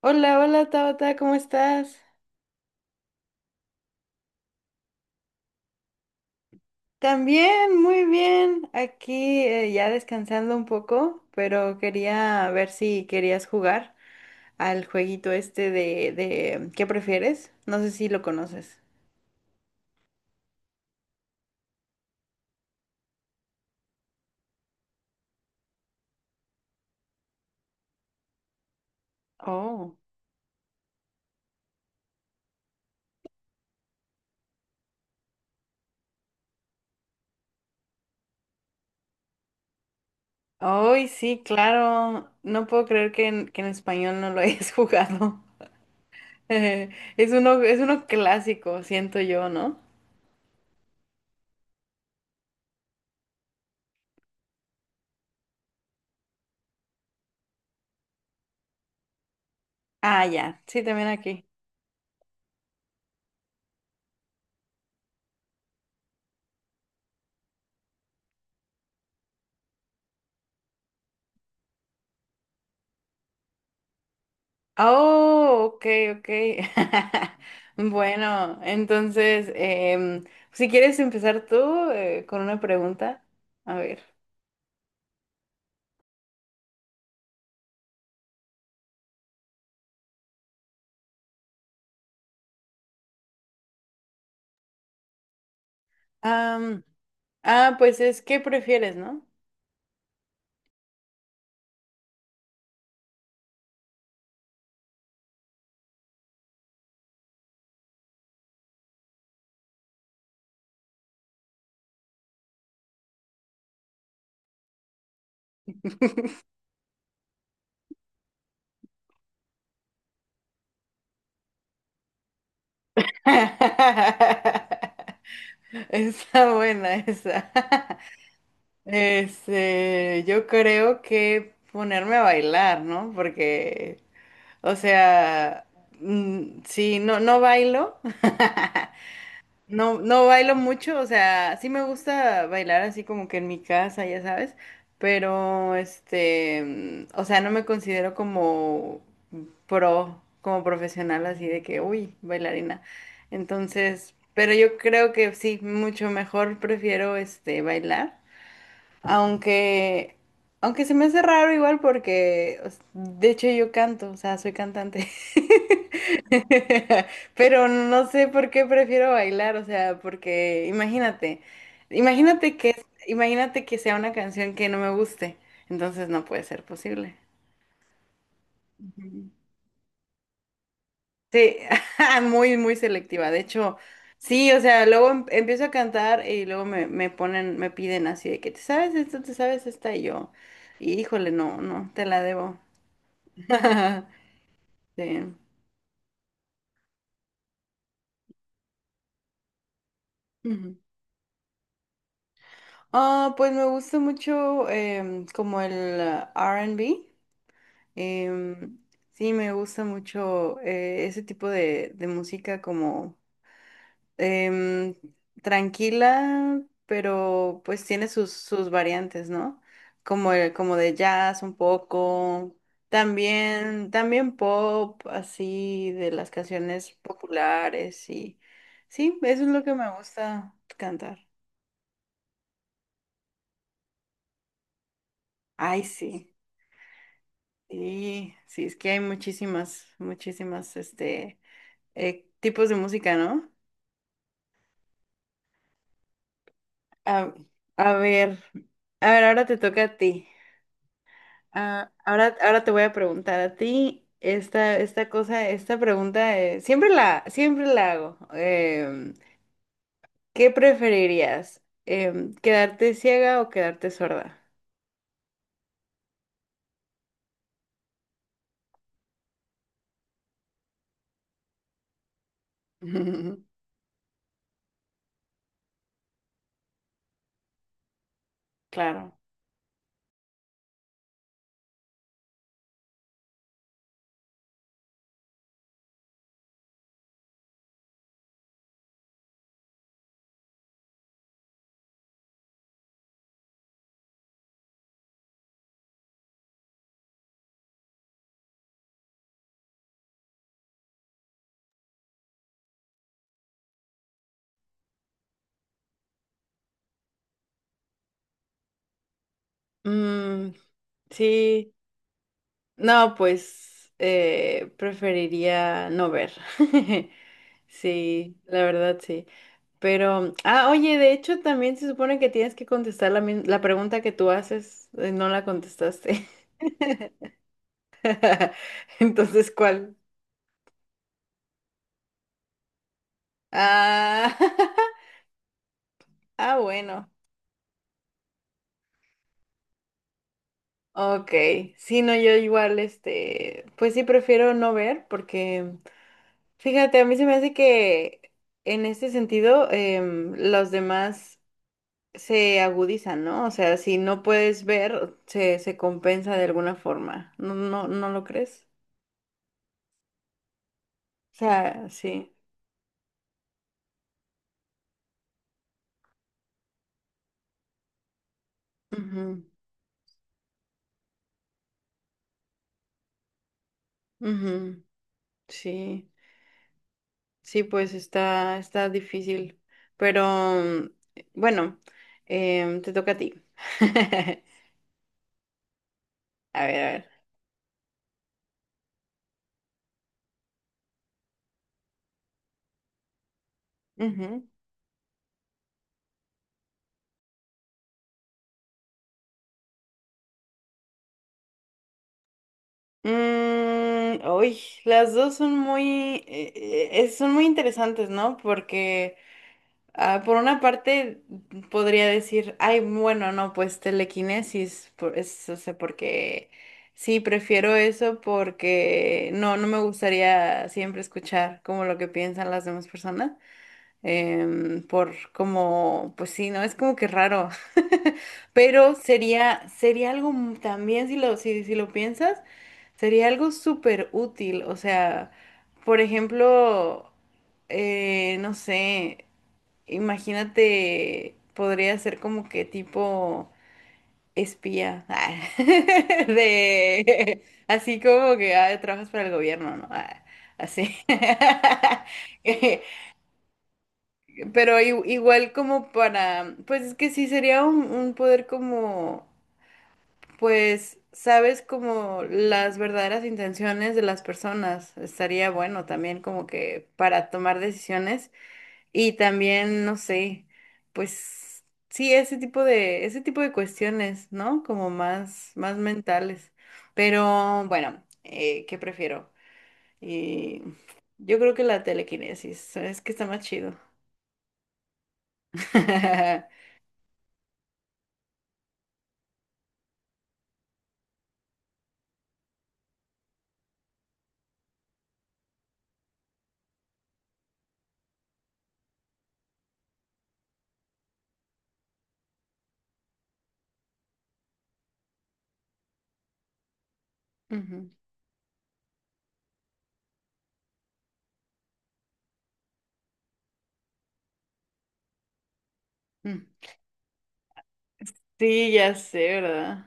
Hola, hola Tabata, ¿cómo estás? También, muy bien. Aquí ya descansando un poco, pero quería ver si querías jugar al jueguito este de, ¿qué prefieres? No sé si lo conoces. Oh. Ay, sí, claro. No puedo creer que en español no lo hayas jugado. Eh, es uno, es uno clásico, siento yo, ¿no? Ah, ya. Sí, también aquí. Oh, ok, ok. Bueno, entonces, si quieres empezar tú con una pregunta, a ver. Am, pues es, ¿qué prefieres, no? Está buena esa. Este, yo creo que ponerme a bailar, ¿no? Porque, o sea, si no, no bailo. No, no bailo mucho, o sea, sí me gusta bailar así como que en mi casa, ya sabes, pero este, o sea, no me considero como pro, como profesional así de que, uy, bailarina. Entonces, pero yo creo que sí, mucho mejor prefiero este bailar, aunque aunque se me hace raro igual porque o s- de hecho yo canto, o sea, soy cantante. Pero no sé por qué prefiero bailar, o sea, porque imagínate, imagínate que, imagínate que sea una canción que no me guste, entonces no puede ser posible. Ujú. Sí, muy, muy selectiva. De hecho, sí, o sea, luego em- empiezo a cantar y luego me, me ponen, me piden así de que te sabes esto, te sabes esta y yo. Y híjole, no, no, te la debo. Sí. Ujú. Ah, pues me gusta mucho como el R&B. Em, sí, me gusta mucho ese tipo de música como em, tranquila, pero pues tiene sus, sus variantes, ¿no? Como, el- como de jazz un poco, también, también pop, así, de las canciones populares y sí, eso es lo que me gusta cantar. Ay, sí, sí, sí, es que hay muchísimas, muchísimas, este, tipos de música, ¿no? A, a ver, a ver, ahora te toca a ti. Ah, ahora, ahora te voy a preguntar a ti esta, esta cosa, esta pregunta, siempre la hago. ¿Qué preferirías? Em, ¿quedarte ciega o quedarte sorda? Claro. Mm, sí, no, pues preferiría no ver. Sí, la verdad sí. Pero, ah, oye, de hecho también se supone que tienes que contestar la, mis- la pregunta que tú haces, no la contestaste. Entonces, ¿cuál? Ah, ah, bueno. Ok, sí, no, yo igual, este, pues sí prefiero no ver porque, fíjate, a mí se me hace que en este sentido los demás se agudizan, ¿no? O sea, si no puedes ver, se compensa de alguna forma. ¿No, no, no lo crees? O sea, sí. Ujú, ujú, sí, sí, pues está, está difícil. Pero mm, bueno, te toca a ti. A ver, a ver. Ujú. Mm, uy, las dos son muy interesantes, ¿no? Porque ah, por una parte, podría decir, ay, bueno, no, pues telequinesis, por, es, o sea, porque sí, prefiero eso porque no, no me gustaría siempre escuchar como lo que piensan las demás personas, por como, pues sí, no, es como que raro, pero sería, sería algo m- también, si lo, si, si lo piensas, sería algo súper útil, o sea, por ejemplo no sé, imagínate, podría ser como que tipo espía, ah, de así como que ah, trabajas para el gobierno, ¿no? Ah, así. Pero i- igual como para, pues es que sí sería un poder como, pues, sabes como las verdaderas intenciones de las personas. Estaría bueno también como que para tomar decisiones. Y también, no sé, pues sí, ese tipo de cuestiones, ¿no? Como más, más mentales. Pero bueno, ¿qué prefiero? Eh, yo creo que la telequinesis, es que está más chido. Ujú, mm. Sí, ya sé, ¿verdad?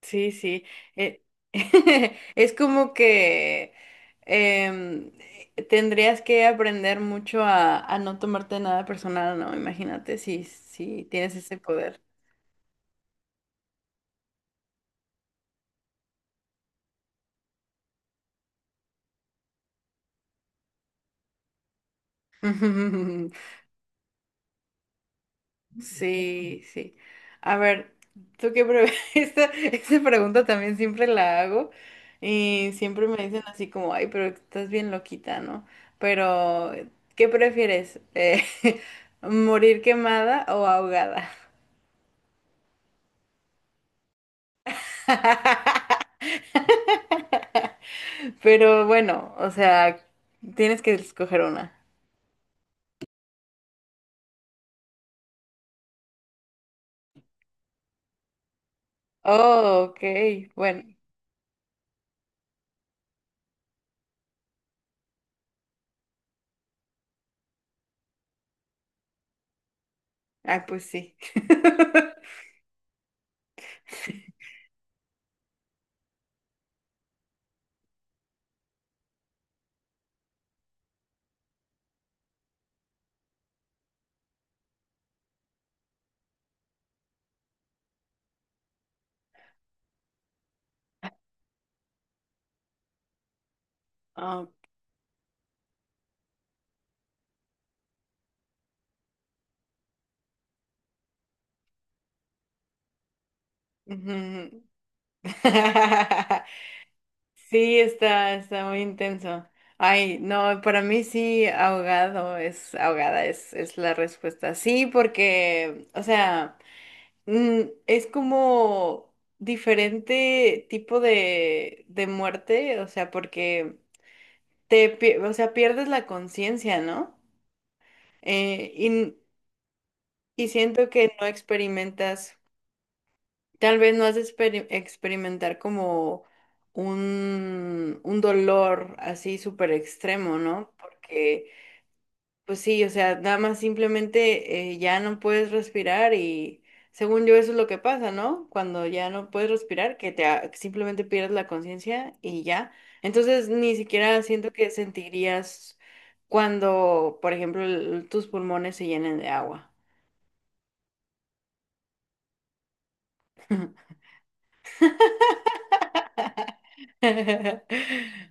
Sí, sí. eh, es como que em, tendrías que aprender mucho a no tomarte nada personal, ¿no? Imagínate si, si tienes ese poder. Sí, sí. A ver, tú qué pre- esta pregunta también siempre la hago y siempre me dicen así como, ay, pero estás bien loquita, ¿no? Pero, ¿qué prefieres? ¿Morir quemada o ahogada? Pero bueno, o sea, tienes que escoger una. Oh, ok, bueno. Ah, pues sí. Ah, ujú. Sí, está, está muy intenso. Ay, no, para mí sí, ahogado es, ahogada es la respuesta. Sí, porque, o sea, mm, es como diferente tipo de muerte, o sea, porque te, pie- o sea, pierdes la conciencia, ¿no? Y, y siento que no experimentas, tal vez no has de experi- experimentar como un dolor así súper extremo, ¿no? Porque pues sí, o sea, nada más simplemente ya no puedes respirar y según yo eso es lo que pasa, ¿no? Cuando ya no puedes respirar, que te a- simplemente pierdes la conciencia y ya. Entonces ni siquiera siento que sentirías cuando, por ejemplo, el- tus pulmones se llenen de agua.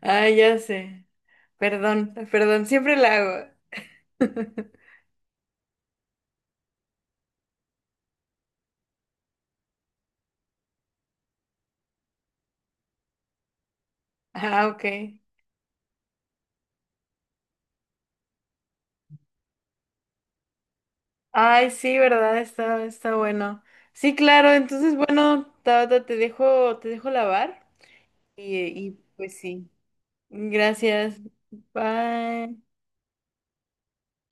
Ay, ya sé. Perdón, perdón, siempre la hago. Ah, ok. Ay, sí, ¿verdad? Está, está bueno. Sí, claro, entonces, bueno, Tabata, te dejo lavar y, y pues sí. Gracias. Bye.